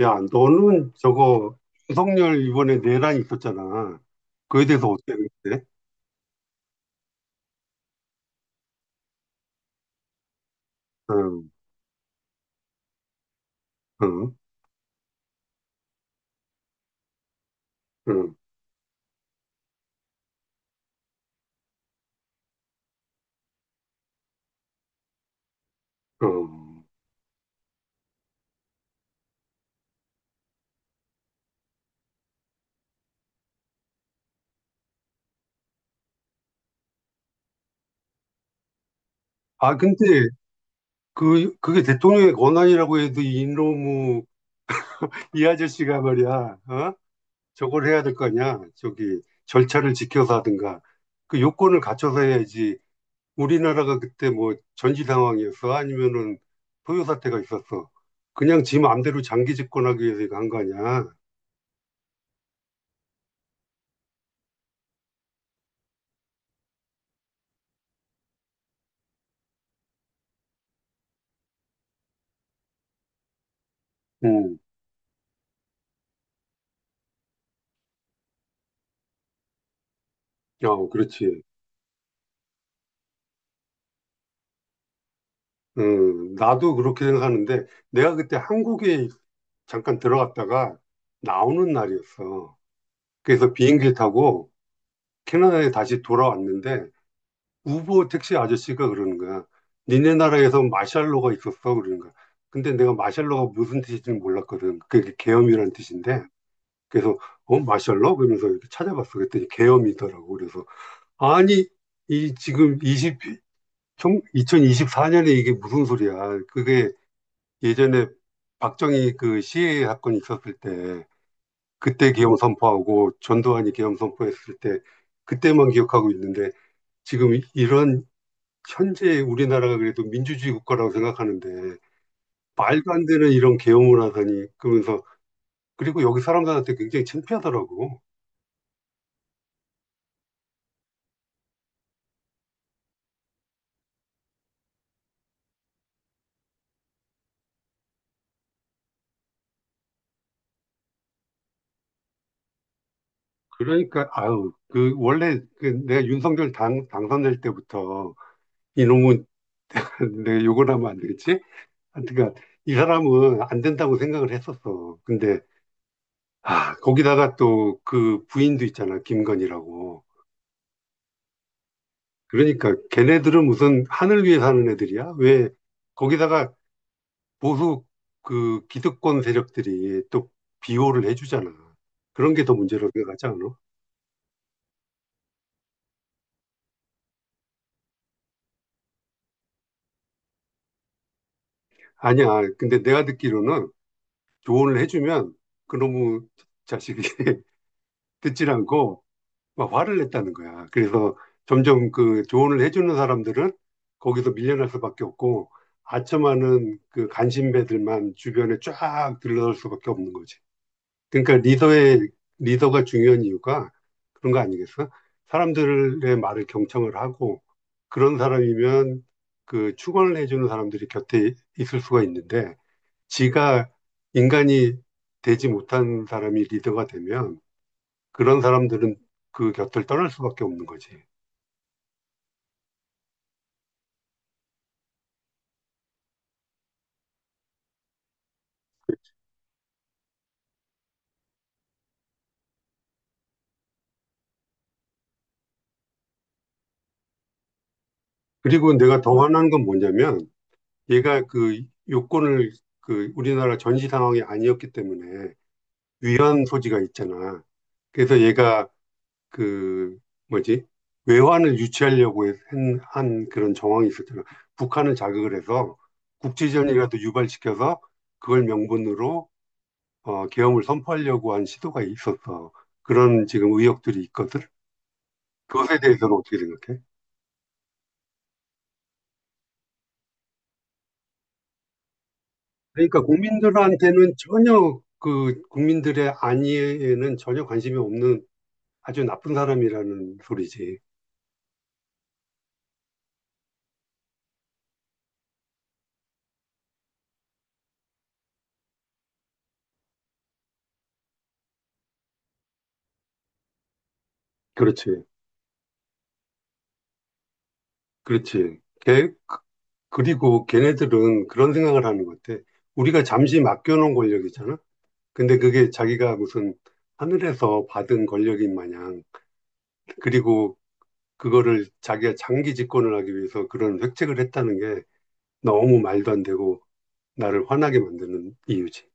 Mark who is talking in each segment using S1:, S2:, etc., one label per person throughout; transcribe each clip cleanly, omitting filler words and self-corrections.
S1: 야, 너는 저거 윤석열 이번에 내란 있었잖아. 그에 대해서 어떻게 생각해? 응, 응, 응, 응. 아, 근데 그게 대통령의 권한이라고 해도 이놈의 이 아저씨가 말이야, 어? 저걸 해야 될 거 아니야? 저기 절차를 지켜서 하든가. 그 요건을 갖춰서 해야지. 우리나라가 그때 뭐 전시 상황이었어? 아니면은 소요 사태가 있었어? 그냥 지 마음대로 장기 집권하기 위해서 이거 한 거 아니야? 응. 어, 그렇지. 나도 그렇게 생각하는데 내가 그때 한국에 잠깐 들어갔다가 나오는 날이었어. 그래서 비행기를 타고 캐나다에 다시 돌아왔는데 우버 택시 아저씨가 그러는 거야. 니네 나라에서 마샬로가 있었어 그러는 거야. 근데 내가 마샬로가 무슨 뜻인지는 몰랐거든. 그게 계엄이란 뜻인데. 그래서 어, 마샬로? 그러면서 이렇게 찾아봤어. 그랬더니 계엄이더라고. 그래서 아니 이 지금 20 총 2024년에 이게 무슨 소리야. 그게 예전에 박정희 그 시해 사건이 있었을 때 그때 계엄 선포하고 전두환이 계엄 선포했을 때 그때만 기억하고 있는데 지금 이- 런 현재 우리나라가 그래도 민주주의 국가라고 생각하는데 말도 안 되는 이런 계엄을 하다니 그러면서. 그리고 여기 사람들한테 굉장히 창피하더라고. 그러니까 아유 그 원래 그 내가 윤석열 당 당선될 때부터 이놈은 내가 욕을 하면 안 되겠지? 하여튼간 이 사람은 안 된다고 생각을 했었어. 근데 아, 거기다가 또 그 부인도 있잖아, 김건희라고. 그러니까 걔네들은 무슨 하늘 위에 사는 애들이야? 왜 거기다가 보수 그 기득권 세력들이 또 비호를 해주잖아. 그런 게 더 문제고 생각하지 않아? 아니야. 근데 내가 듣기로는 조언을 해주면 그놈의 자식이 듣질 않고 막 화를 냈다는 거야. 그래서 점점 그 조언을 해주는 사람들은 거기서 밀려날 수밖에 없고 아첨하는 그 간신배들만 주변에 쫙 들러설 수밖에 없는 거지. 그러니까 리더의 리더가 중요한 이유가 그런 거 아니겠어? 사람들의 말을 경청을 하고 그런 사람이면 그 축원을 해주는 사람들이 곁에 있을 수가 있는데 지가 인간이 되지 못한 사람이 리더가 되면 그런 사람들은 그 곁을 떠날 수밖에 없는 거지. 그리고 내가 더 화난 건 뭐냐면 얘가 그 요건을, 그 우리나라 전시 상황이 아니었기 때문에 위헌 소지가 있잖아. 그래서 얘가 그 뭐지? 외환을 유치하려고 한, 그런 정황이 있었잖아. 북한을 자극을 해서 국지전이라도 유발시켜서 그걸 명분으로 계엄을 선포하려고 한 시도가 있었어. 그런 지금 의혹들이 있거든. 그것에 대해서는 어떻게 생각해? 그러니까 국민들한테는 전혀, 그 국민들의 안위에는 전혀 관심이 없는 아주 나쁜 사람이라는 소리지. 그렇지. 그렇지. 그리고 걔네들은 그런 생각을 하는 것 같아. 우리가 잠시 맡겨놓은 권력이잖아? 근데 그게 자기가 무슨 하늘에서 받은 권력인 마냥, 그리고 그거를 자기가 장기 집권을 하기 위해서 그런 획책을 했다는 게 너무 말도 안 되고 나를 화나게 만드는 이유지.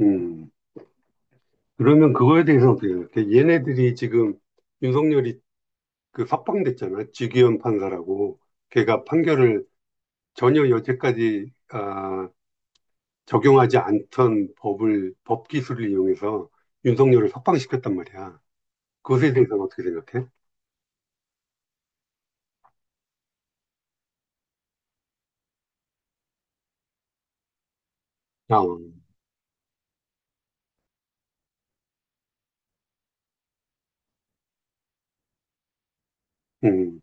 S1: 음. 그러면 그거에 대해서 어떻게 생각해? 얘네들이 지금 윤석열이 그 석방됐잖아. 주기현 판사라고. 걔가 판결을 전혀 여태까지 적용하지 않던 법을, 법 기술을 이용해서 윤석열을 석방시켰단 말이야. 그것에 대해서는 어떻게 생각해? 아, 음,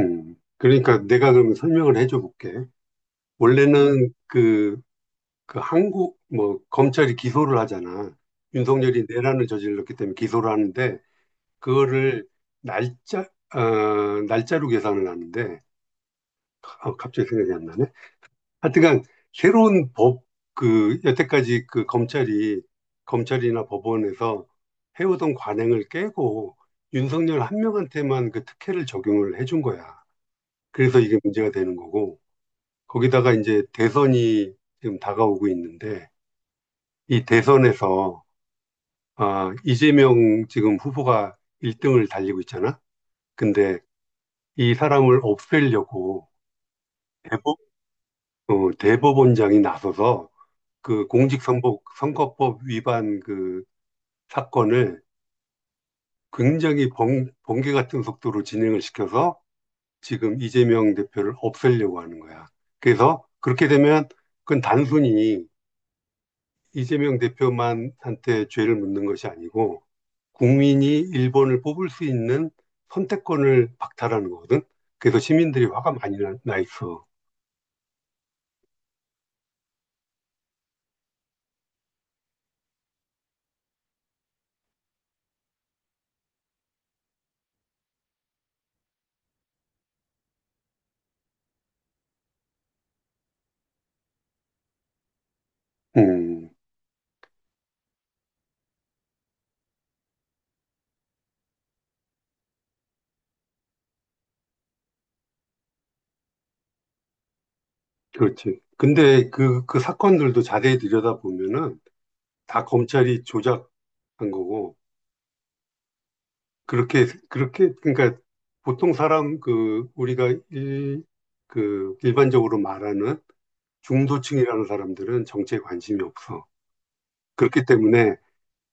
S1: 그러니까 내가 그러면 설명을 해줘 볼게. 원래는 그 한국, 뭐, 검찰이 기소를 하잖아. 윤석열이 내란을 저질렀기 때문에 기소를 하는데 그거를 날짜, 어, 날짜로 계산을 하는데, 아, 갑자기 생각이 안 나네. 하여튼간, 새로운 법, 그, 여태까지 그 검찰이나 법원에서 해오던 관행을 깨고, 윤석열 한 명한테만 그 특혜를 적용을 해준 거야. 그래서 이게 문제가 되는 거고, 거기다가 이제 대선이 지금 다가오고 있는데, 이 대선에서, 아, 이재명 지금 후보가 1등을 달리고 있잖아? 근데 이 사람을 없애려고 대법, 대법원장이 나서서 그 공직선거 선거법 위반 그 사건을 굉장히 번개 같은 속도로 진행을 시켜서 지금 이재명 대표를 없애려고 하는 거야. 그래서 그렇게 되면 그건 단순히 이재명 대표만한테 죄를 묻는 것이 아니고 국민이 일본을 뽑을 수 있는 선택권을 박탈하는 거거든. 그래서 시민들이 화가 많이 나 있어. 음. 그렇지. 근데 그, 그 사건들도 자세히 들여다보면은 다 검찰이 조작한 거고, 그렇게, 그러니까 보통 사람, 그, 우리가 일, 그, 일반적으로 말하는 중도층이라는 사람들은 정치에 관심이 없어. 그렇기 때문에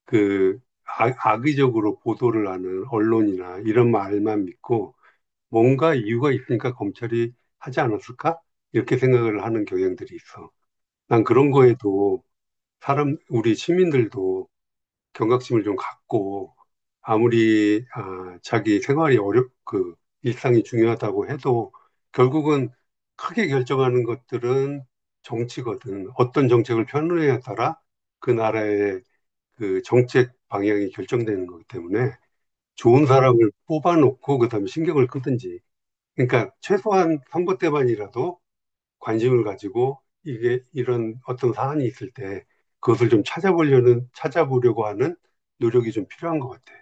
S1: 그 악의적으로 보도를 하는 언론이나 이런 말만 믿고 뭔가 이유가 있으니까 검찰이 하지 않았을까 이렇게 생각을 하는 경향들이 있어. 난 그런 거에도 사람, 우리 시민들도 경각심을 좀 갖고 아무리 자기 생활이 어렵, 그 일상이 중요하다고 해도 결국은 크게 결정하는 것들은 정치거든. 어떤 정책을 펴느냐에 따라 그 나라의 그 정책 방향이 결정되는 거기 때문에 좋은 사람을 뽑아놓고 그다음에 신경을 끄든지. 그러니까 최소한 선거 때만이라도 관심을 가지고, 이게 이런 어떤 사안이 있을 때 그것을 좀 찾아보려는 찾아보려고 하는 노력이 좀 필요한 것 같아.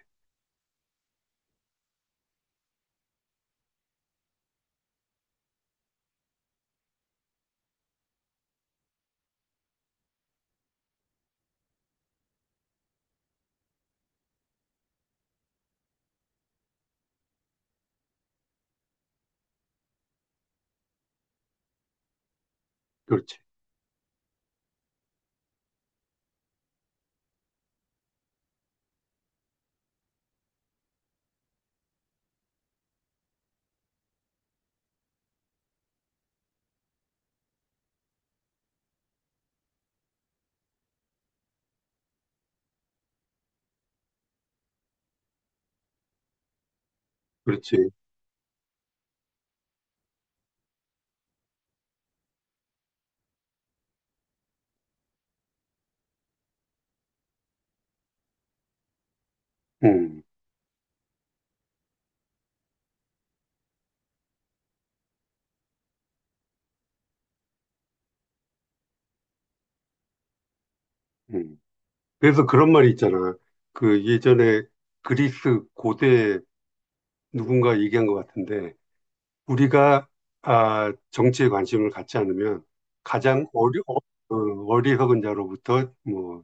S1: 그렇지, 그렇지. 음, 음. 그래서 그런 말이 있잖아. 그 예전에 그리스 고대 누군가 얘기한 것 같은데 우리가 정치에 관심을 갖지 않으면 가장 어리석은 자로부터 뭐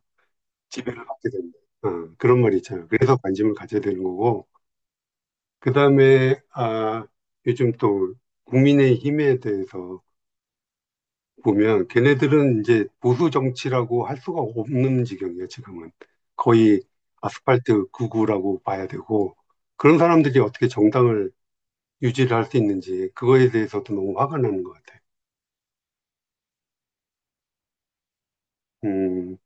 S1: 지배를 받게 된다. 어, 그런 말이 있잖아요. 그래서 관심을 가져야 되는 거고. 그다음에 아, 요즘 또 국민의힘에 대해서 보면 걔네들은 이제 보수 정치라고 할 수가 없는 지경이에요, 지금은. 거의 아스팔트 구구라고 봐야 되고, 그런 사람들이 어떻게 정당을 유지를 할 수 있는지 그거에 대해서도 너무 화가 나는 것 같아요. 음.